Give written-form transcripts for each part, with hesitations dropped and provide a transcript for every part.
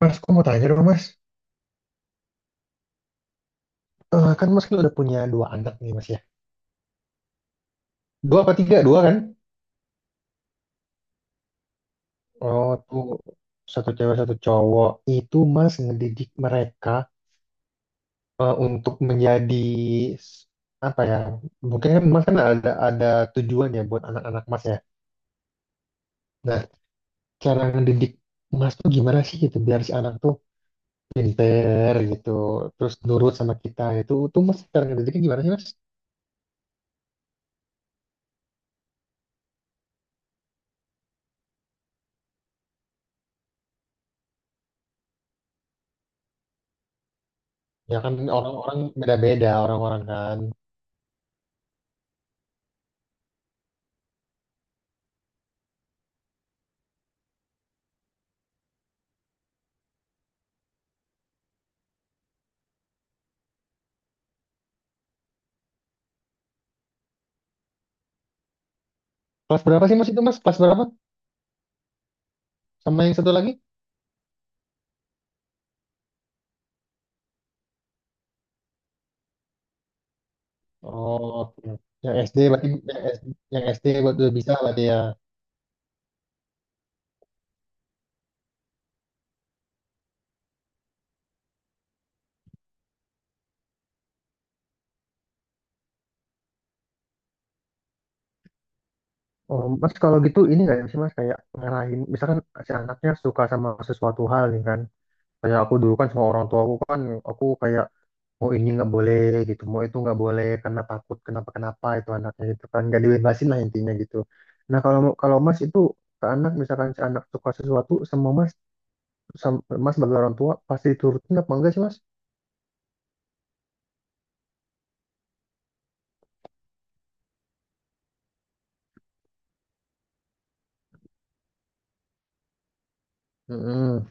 Mas, aku mau tanya dong, Mas. Eh, kan Mas kan udah punya dua anak nih, Mas ya. Dua apa tiga? Dua kan? Oh, tuh, satu cewek satu cowok. Itu Mas ngedidik mereka untuk menjadi s- apa ya? Mungkin kan Mas kan ada tujuan ya buat anak-anak Mas ya. Nah, cara ngedidik Mas tuh gimana sih gitu biar si anak tuh pinter gitu, terus nurut sama kita gitu. Itu tuh Mas cara ngedidiknya gimana sih, Mas? Ya kan orang-orang beda-beda orang-orang kan. Kelas berapa sih Mas itu, Mas? Kelas berapa? Sama yang satu lagi? Oh, oke. Yang SD berarti, yang SD, yang SD buat udah bisa berarti ya. Oh, Mas, kalau gitu ini nggak sih Mas kayak ngarahin, misalkan si anaknya suka sama sesuatu hal nih kan, kayak aku dulu kan sama orang tua aku kan, aku kayak mau ini nggak boleh gitu, mau itu nggak boleh karena takut kenapa kenapa itu anaknya gitu kan, nggak dibebasin lah intinya gitu. Nah, kalau kalau Mas itu ke anak misalkan si anak suka sesuatu, semua Mas, Mas sebagai orang tua pasti turutin apa enggak sih, Mas? Mm-mm.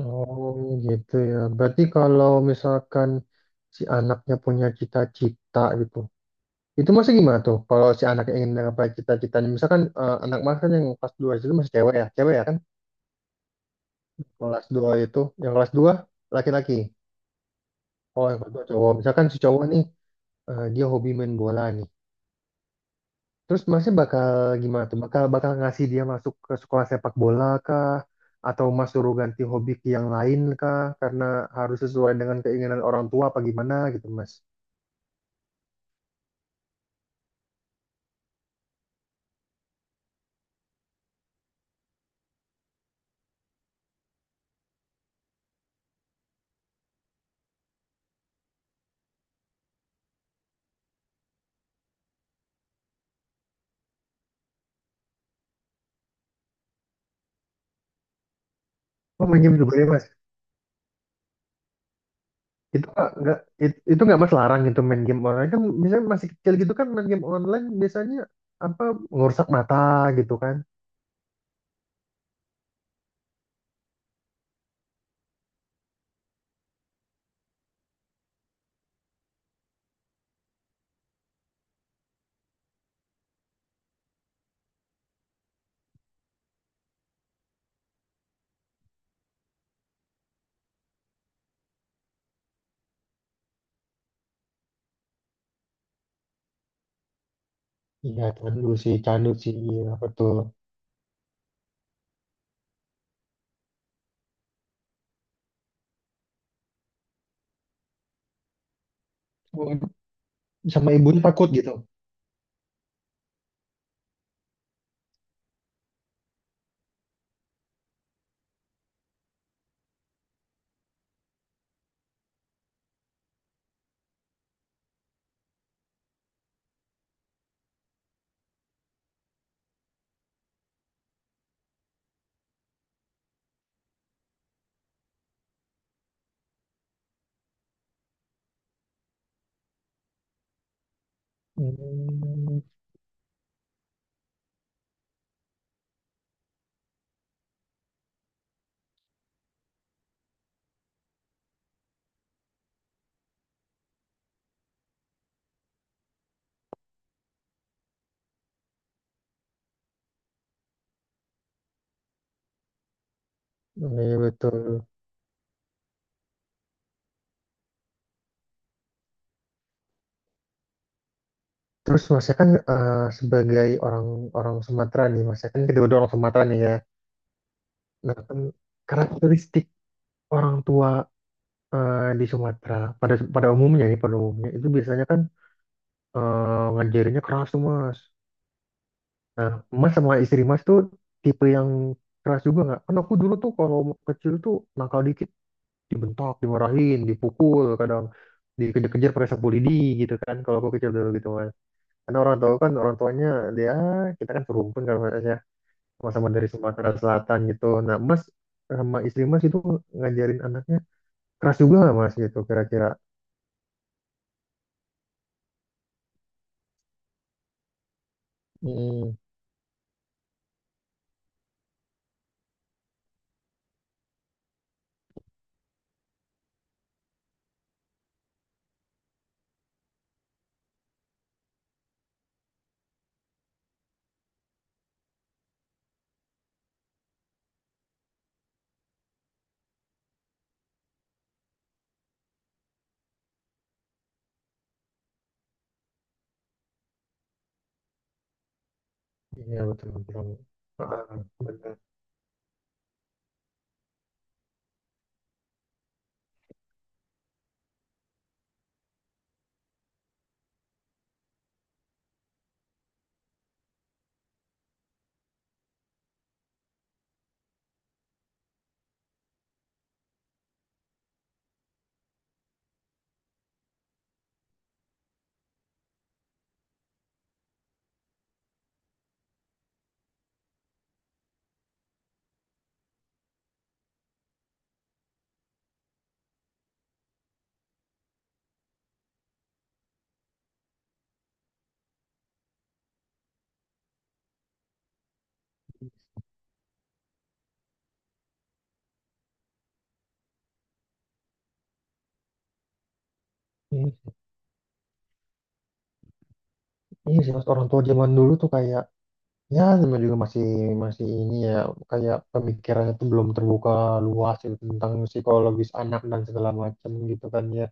Oh gitu ya. Berarti kalau misalkan si anaknya punya cita-cita gitu, itu masih gimana tuh? Kalau si anaknya ingin menggapai cita-citanya, misalkan anak Mas kan yang kelas 2 itu masih cewek ya kan? Kelas 2 itu, yang kelas dua laki-laki. Oh, yang kelas 2 cowok. Misalkan si cowok nih dia hobi main bola nih. Terus masih bakal gimana tuh? Bakal bakal ngasih dia masuk ke sekolah sepak bola kah? Atau Mas suruh ganti hobi ke yang lain kah? Karena harus sesuai dengan keinginan orang tua apa gimana gitu, Mas? Oh, main game juga ya, Mas. Itu nggak itu nggak Mas larang gitu main game online kan, misalnya masih kecil gitu kan main game online biasanya apa ngerusak mata gitu kan. Iya, candu sih candu sih, iya, betul. Oh, sama ibunya takut gitu. Hmm, iya betul. Terus masnya kan sebagai orang orang Sumatera nih, masnya kan kedua-dua orang Sumatera nih ya. Nah kan karakteristik orang tua di Sumatera pada pada umumnya nih, pada umumnya itu biasanya kan ngajarinnya keras tuh, Mas. Mas sama istri Mas tuh tipe yang keras juga nggak? Kan aku dulu tuh kalau kecil tuh nakal dikit dibentak, dimarahin, dipukul, kadang dikejar-kejar pakai sapu lidi gitu kan. Kalau aku kecil dulu gitu, Mas. Karena orang tua kan, orang tuanya dia, kita kan serumpun kan Mas ya, sama-sama dari Sumatera Selatan gitu. Nah, Mas sama istri Mas itu ngajarin anaknya keras juga nggak Mas gitu, kira-kira? Hmm, iya betul betul. Ah, benar. Iya sih, Mas, orang tua zaman dulu tuh kayak, ya, namanya juga masih masih ini ya, kayak pemikirannya tuh belum terbuka luas gitu, tentang psikologis anak dan segala macam gitu kan ya.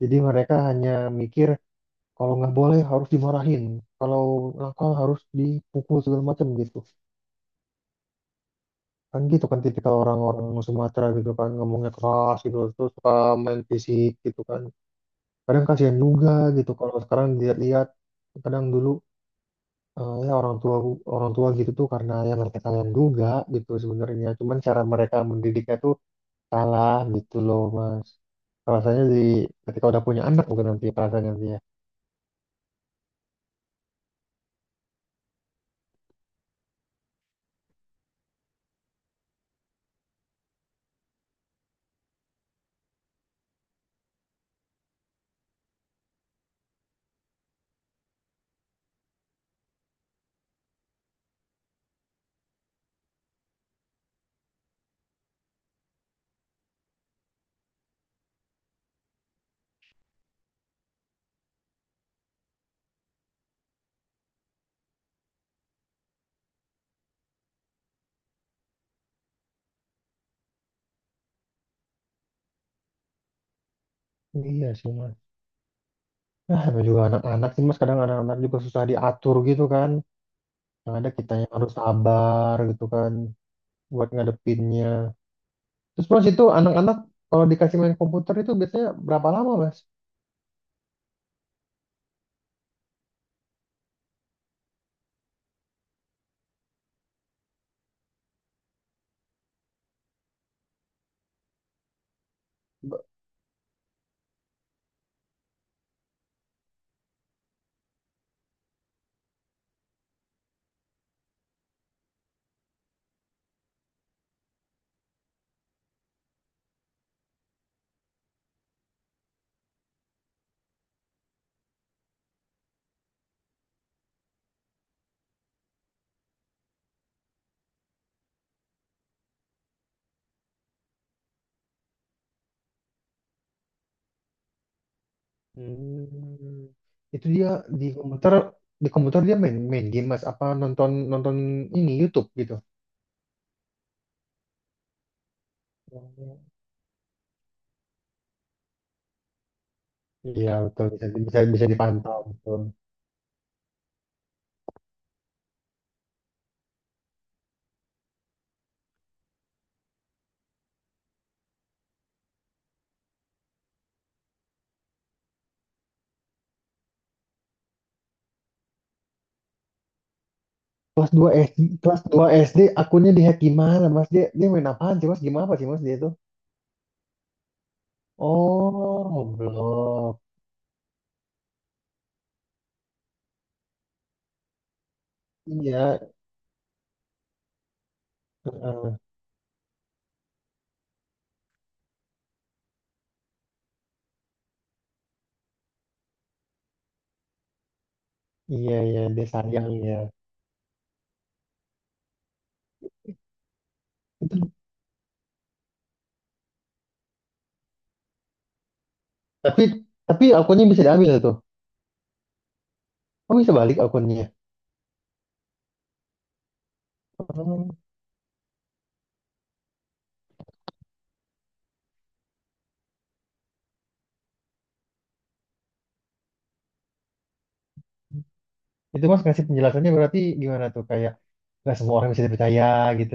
Jadi mereka hanya mikir kalau nggak boleh harus dimarahin, kalau nakal harus dipukul segala macam gitu. Kan gitu kan tipikal orang-orang Sumatera gitu kan, ngomongnya keras gitu, terus suka main fisik gitu kan. Kadang kasihan juga gitu kalau sekarang dilihat-lihat, kadang dulu ya, orang tua gitu tuh karena ya mereka kalian juga gitu sebenarnya, cuman cara mereka mendidiknya tuh salah gitu loh, Mas, rasanya di ketika udah punya anak, bukan nanti perasaan nanti ya. Iya sih, Mas, nah, namanya juga anak-anak sih Mas, kadang anak-anak juga susah diatur gitu kan, yang ada kita yang harus sabar gitu kan buat ngadepinnya. Terus Mas itu anak-anak kalau dikasih main komputer itu biasanya berapa lama, Mas? Hmm. Itu dia di komputer di komputer dia main main game Mas, apa nonton nonton ini YouTube gitu. Oh. Iya betul, bisa bisa bisa dipantau, betul. Kelas 2 SD, kelas 2 SD akunnya dihack, gimana Mas, dia dia main apaan sih Mas, gimana, apa sih Mas dia itu? Oh, Roblox. Iya, eh, iya, iya, dia sayang ya. Itu, tapi tapi akunnya bisa diambil tuh. Oh, bisa balik akunnya. Oh, itu Mas ngasih penjelasannya berarti gimana tuh, kayak nggak semua orang bisa dipercaya gitu.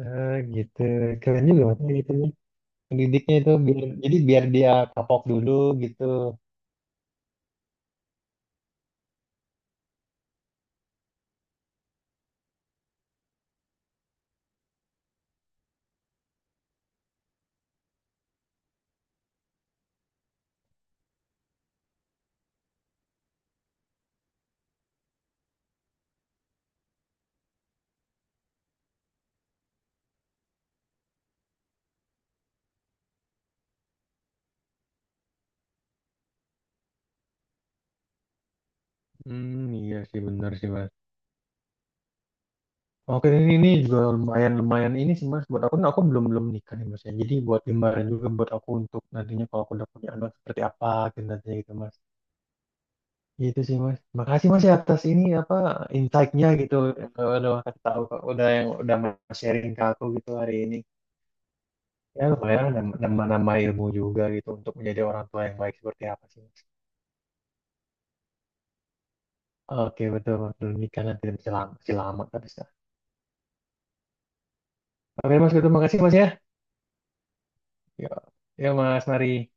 Eh, gitu keren juga, maksudnya gitu nih pendidiknya, itu biar dia kapok dulu gitu. Hmm, iya sih, benar sih, Mas. Oke, ini juga lumayan, lumayan ini sih Mas, buat aku belum belum nikah nih Mas ya, jadi buat gambaran juga buat aku untuk nantinya kalau aku udah punya anak seperti apa gitu nantinya gitu, Mas. Gitu sih, Mas, makasih Mas ya atas ini, apa, insight-nya gitu, yang udah kasih tahu, udah, yang udah Mas sharing ke aku gitu hari ini. Ya lumayan nambah-nambah ilmu juga gitu untuk menjadi orang tua yang baik seperti apa sih, Mas. Oke, betul betul, nikah nanti masih lama tapi. Oke Mas, betul, makasih Mas ya. Ya, ya Mas, mari.